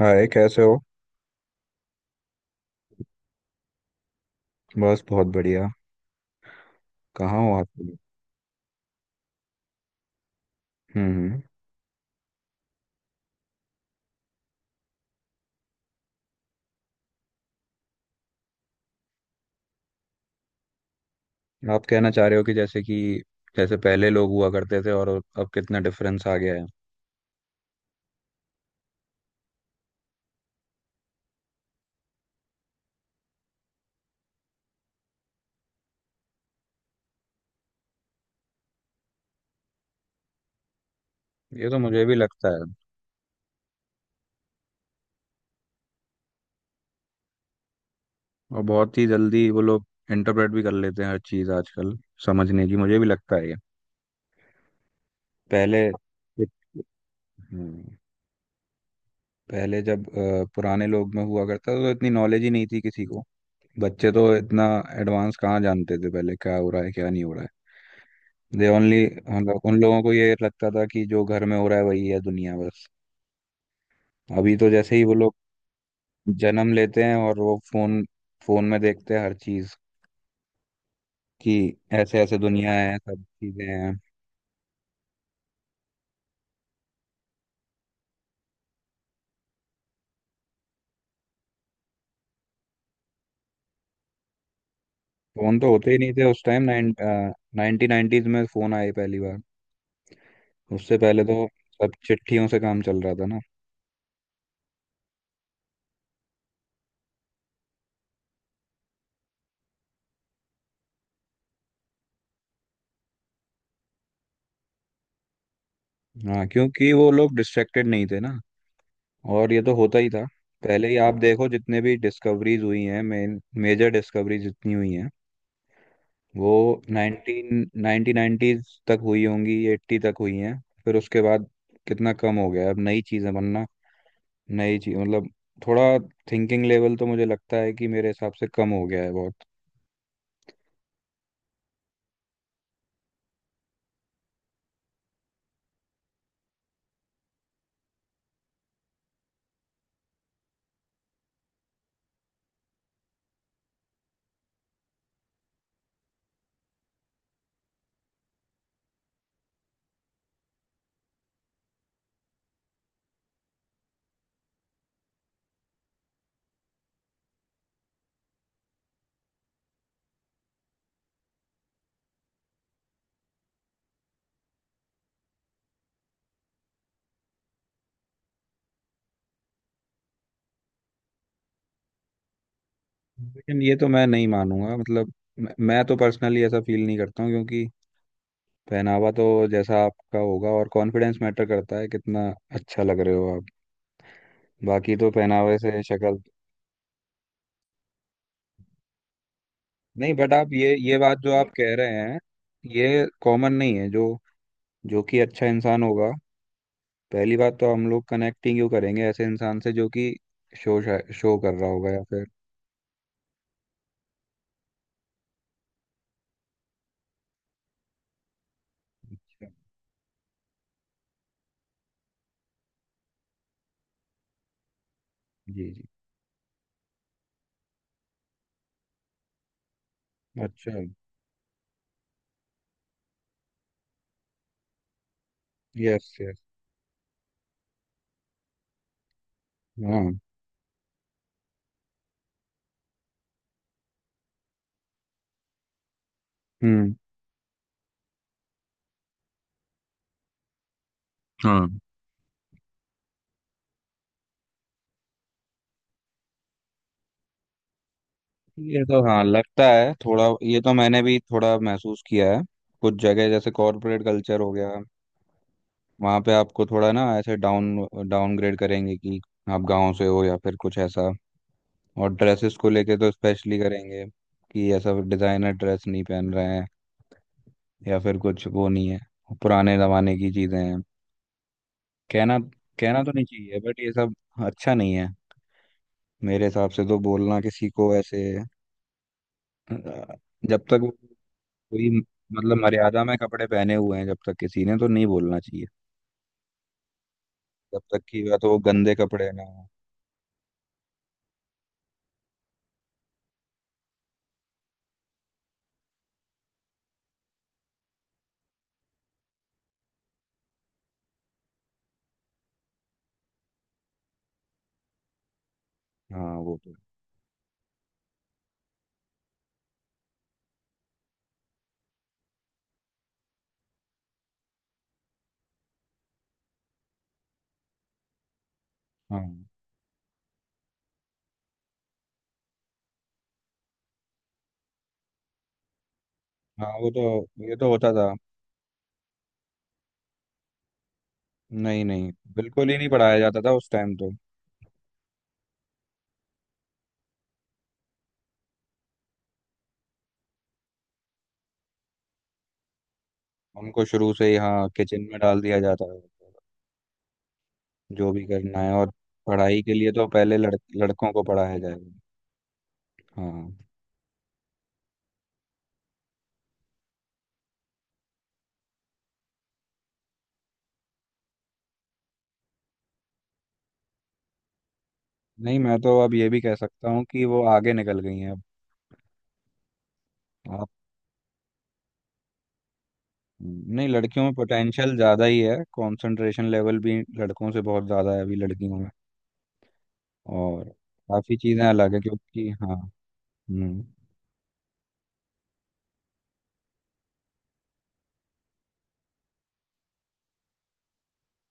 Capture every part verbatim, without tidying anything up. हाय, कैसे हो? बस बहुत बढ़िया। कहाँ हो आप? हम्म। हम्म। आप कहना चाह रहे हो कि जैसे कि, जैसे पहले लोग हुआ करते थे और अब कितना डिफरेंस आ गया है। ये तो मुझे भी लगता है। और बहुत ही जल्दी वो लोग इंटरप्रेट भी कर लेते हैं हर चीज़ आजकल समझने की, मुझे भी लगता है ये। पहले हम्म, पहले जब अ, पुराने लोग में हुआ करता था तो इतनी नॉलेज ही नहीं थी किसी को। बच्चे तो इतना एडवांस कहाँ जानते थे, पहले क्या हो रहा है क्या नहीं हो रहा है। दे ओनली, मतलब उन लोगों को ये लगता था कि जो घर में हो रहा है वही है, दुनिया बस। अभी तो जैसे ही वो लोग जन्म लेते हैं और वो फोन फोन में देखते हैं हर चीज कि ऐसे ऐसे दुनिया है, सब चीजें हैं। फोन तो होते ही नहीं थे उस टाइम। नाइन नाइनटीन नाइनटीज में फोन आए पहली बार। उससे पहले तो सब चिट्ठियों से काम चल रहा था ना। हाँ, क्योंकि वो लोग डिस्ट्रैक्टेड नहीं थे ना। और ये तो होता ही था पहले ही। आप देखो जितने भी डिस्कवरीज हुई हैं, मेन मेजर डिस्कवरीज जितनी हुई हैं वो नाइनटीन नाइनटीन नाइन्टीज तक हुई होंगी, एट्टी तक हुई हैं। फिर उसके बाद कितना कम हो गया है। अब नई चीज़ें बनना, नई चीज मतलब, थोड़ा थिंकिंग लेवल तो मुझे लगता है कि मेरे हिसाब से कम हो गया है बहुत। लेकिन ये तो मैं नहीं मानूंगा, मतलब मैं मैं तो पर्सनली ऐसा फील नहीं करता हूँ, क्योंकि पहनावा तो जैसा आपका होगा और कॉन्फिडेंस मैटर करता है, कितना अच्छा लग रहे हो आप। बाकी तो पहनावे से शक्ल। नहीं, बट आप ये ये बात जो आप कह रहे हैं, ये कॉमन नहीं है। जो जो कि अच्छा इंसान होगा, पहली बात तो हम लोग कनेक्टिंग क्यों करेंगे ऐसे इंसान से जो कि शो शो कर रहा होगा या फिर। जी जी। अच्छा। Yes yes. हाँ। हम्म। हाँ। ये तो, हाँ, लगता है थोड़ा। ये तो मैंने भी थोड़ा महसूस किया है। कुछ जगह जैसे कॉरपोरेट कल्चर हो गया, वहाँ पे आपको थोड़ा ना ऐसे डाउन डाउनग्रेड करेंगे कि आप गांव से हो या फिर कुछ ऐसा। और ड्रेसेस को लेके तो स्पेशली करेंगे कि ऐसा डिजाइनर ड्रेस नहीं पहन रहे हैं या फिर कुछ वो नहीं है, पुराने जमाने की चीजें हैं। कहना कहना तो नहीं चाहिए बट ये सब अच्छा नहीं है। मेरे हिसाब से तो बोलना किसी को ऐसे अ, जब तक वो कोई, मतलब मर्यादा में कपड़े पहने हुए हैं, जब तक किसी ने तो नहीं बोलना चाहिए। जब तक कि या तो वो गंदे कपड़े ना हो। हाँ, वो तो। हाँ, हाँ, वो तो, ये तो होता था। नहीं, नहीं, बिल्कुल ही नहीं पढ़ाया जाता था उस टाइम तो। उनको शुरू से ही हाँ किचन में डाल दिया जाता था, जो भी करना है। और पढ़ाई के लिए तो पहले लड़, लड़कों को पढ़ाया जाएगा। हाँ। नहीं, मैं तो अब ये भी कह सकता हूँ कि वो आगे निकल गई हैं अब। आप। नहीं, लड़कियों में पोटेंशियल ज़्यादा ही है, कंसंट्रेशन लेवल भी लड़कों से बहुत ज़्यादा है अभी लड़कियों में। और काफ़ी चीज़ें अलग है, क्योंकि हाँ। हम्म।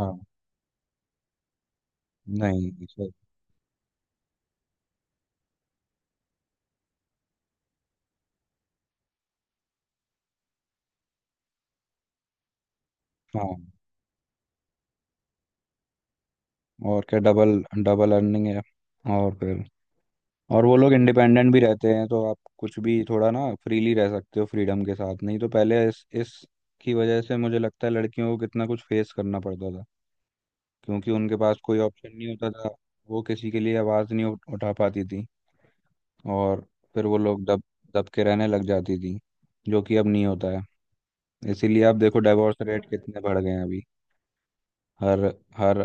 हाँ। नहीं, सही। हाँ, और क्या, डबल डबल अर्निंग है। और फिर। और वो लोग इंडिपेंडेंट भी रहते हैं तो आप कुछ भी थोड़ा ना फ्रीली रह सकते हो फ्रीडम के साथ, नहीं तो पहले इस इस की वजह से मुझे लगता है लड़कियों को कितना कुछ फेस करना पड़ता था। क्योंकि उनके पास कोई ऑप्शन नहीं होता था। वो किसी के लिए आवाज़ नहीं उठ- उठा पाती थी। और फिर वो लोग दब दब के रहने लग जाती थी, जो कि अब नहीं होता है। इसीलिए आप देखो डाइवोर्स रेट कितने बढ़ गए हैं अभी। हर हर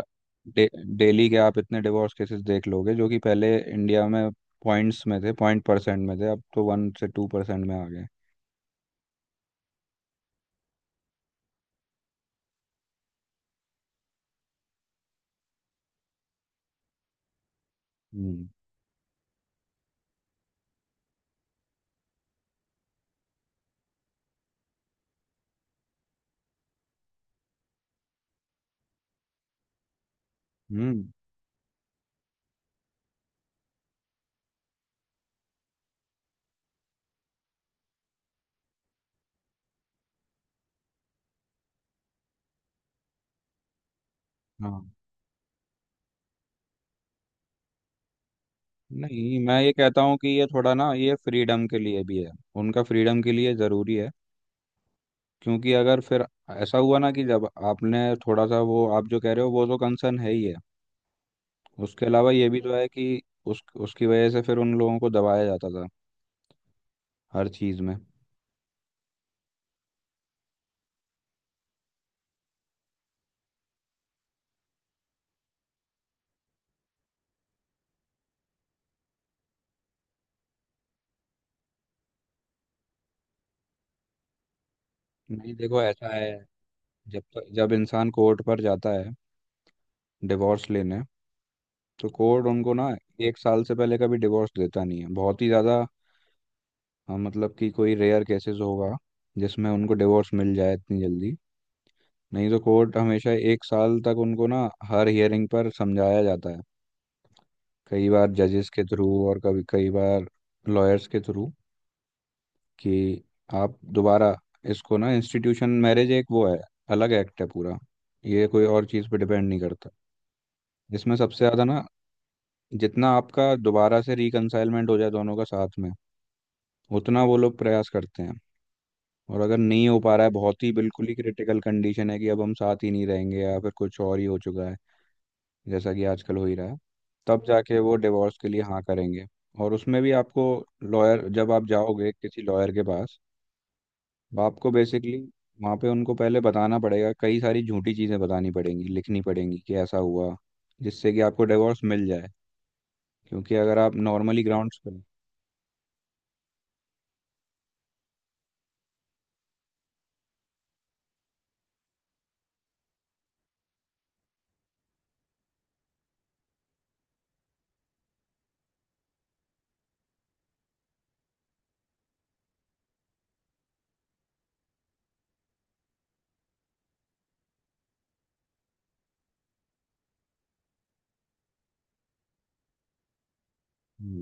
डे, डेली के आप इतने डिवोर्स केसेस देख लोगे जो कि पहले इंडिया में पॉइंट्स में थे, पॉइंट परसेंट में थे, अब तो वन से टू परसेंट में आ गए। हम्म। हम्म। हाँ। नहीं, मैं ये कहता हूँ कि ये थोड़ा ना, ये फ्रीडम के लिए भी है, उनका फ्रीडम के लिए ज़रूरी है। क्योंकि अगर फिर ऐसा हुआ ना कि जब आपने थोड़ा सा वो, आप जो कह रहे हो वो तो कंसर्न है ही है। उसके अलावा ये भी तो है कि उस उसकी वजह से फिर उन लोगों को दबाया जाता था हर चीज़ में। नहीं, देखो, ऐसा है। जब तक, जब इंसान कोर्ट पर जाता है डिवोर्स लेने, तो कोर्ट उनको ना एक साल से पहले कभी डिवोर्स देता नहीं है, बहुत ही ज़्यादा। अ, मतलब कि कोई रेयर केसेस होगा जिसमें उनको डिवोर्स मिल जाए इतनी जल्दी, नहीं तो कोर्ट हमेशा एक साल तक उनको ना हर हियरिंग पर समझाया जाता है, कई बार जजेस के थ्रू और कभी कई बार लॉयर्स के थ्रू कि आप दोबारा, इसको ना इंस्टीट्यूशन मैरिज एक वो है, अलग एक्ट है पूरा, ये कोई और चीज़ पे डिपेंड नहीं करता। इसमें सबसे ज़्यादा ना, जितना आपका दोबारा से रिकनसाइलमेंट हो जाए दोनों का साथ में, उतना वो लोग प्रयास करते हैं। और अगर नहीं हो पा रहा है, बहुत ही, बिल्कुल ही क्रिटिकल कंडीशन है कि अब हम साथ ही नहीं रहेंगे या फिर कुछ और ही हो चुका है जैसा कि आजकल हो ही रहा है, तब जाके वो डिवोर्स के लिए हाँ करेंगे। और उसमें भी आपको लॉयर, जब आप जाओगे किसी लॉयर के पास, वो आपको बेसिकली वहाँ पे उनको पहले बताना पड़ेगा, कई सारी झूठी चीज़ें बतानी पड़ेंगी, लिखनी पड़ेंगी कि ऐसा हुआ, जिससे कि आपको डिवोर्स मिल जाए। क्योंकि अगर आप नॉर्मली ग्राउंड्स पे।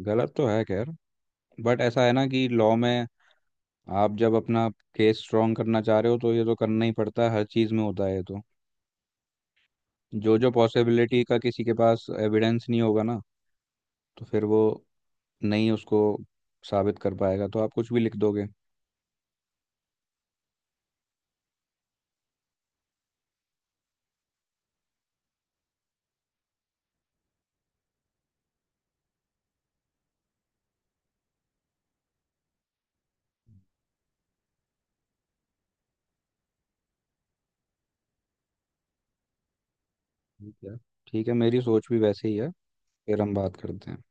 गलत तो है खैर, बट ऐसा है ना कि लॉ में आप जब अपना केस स्ट्रॉन्ग करना चाह रहे हो तो ये तो करना ही पड़ता है, हर चीज़ में होता है ये तो। जो जो पॉसिबिलिटी का किसी के पास एविडेंस नहीं होगा ना, तो फिर वो नहीं उसको साबित कर पाएगा, तो आप कुछ भी लिख दोगे। ठीक है। ठीक है, मेरी सोच भी वैसे ही है। फिर हम बात करते हैं।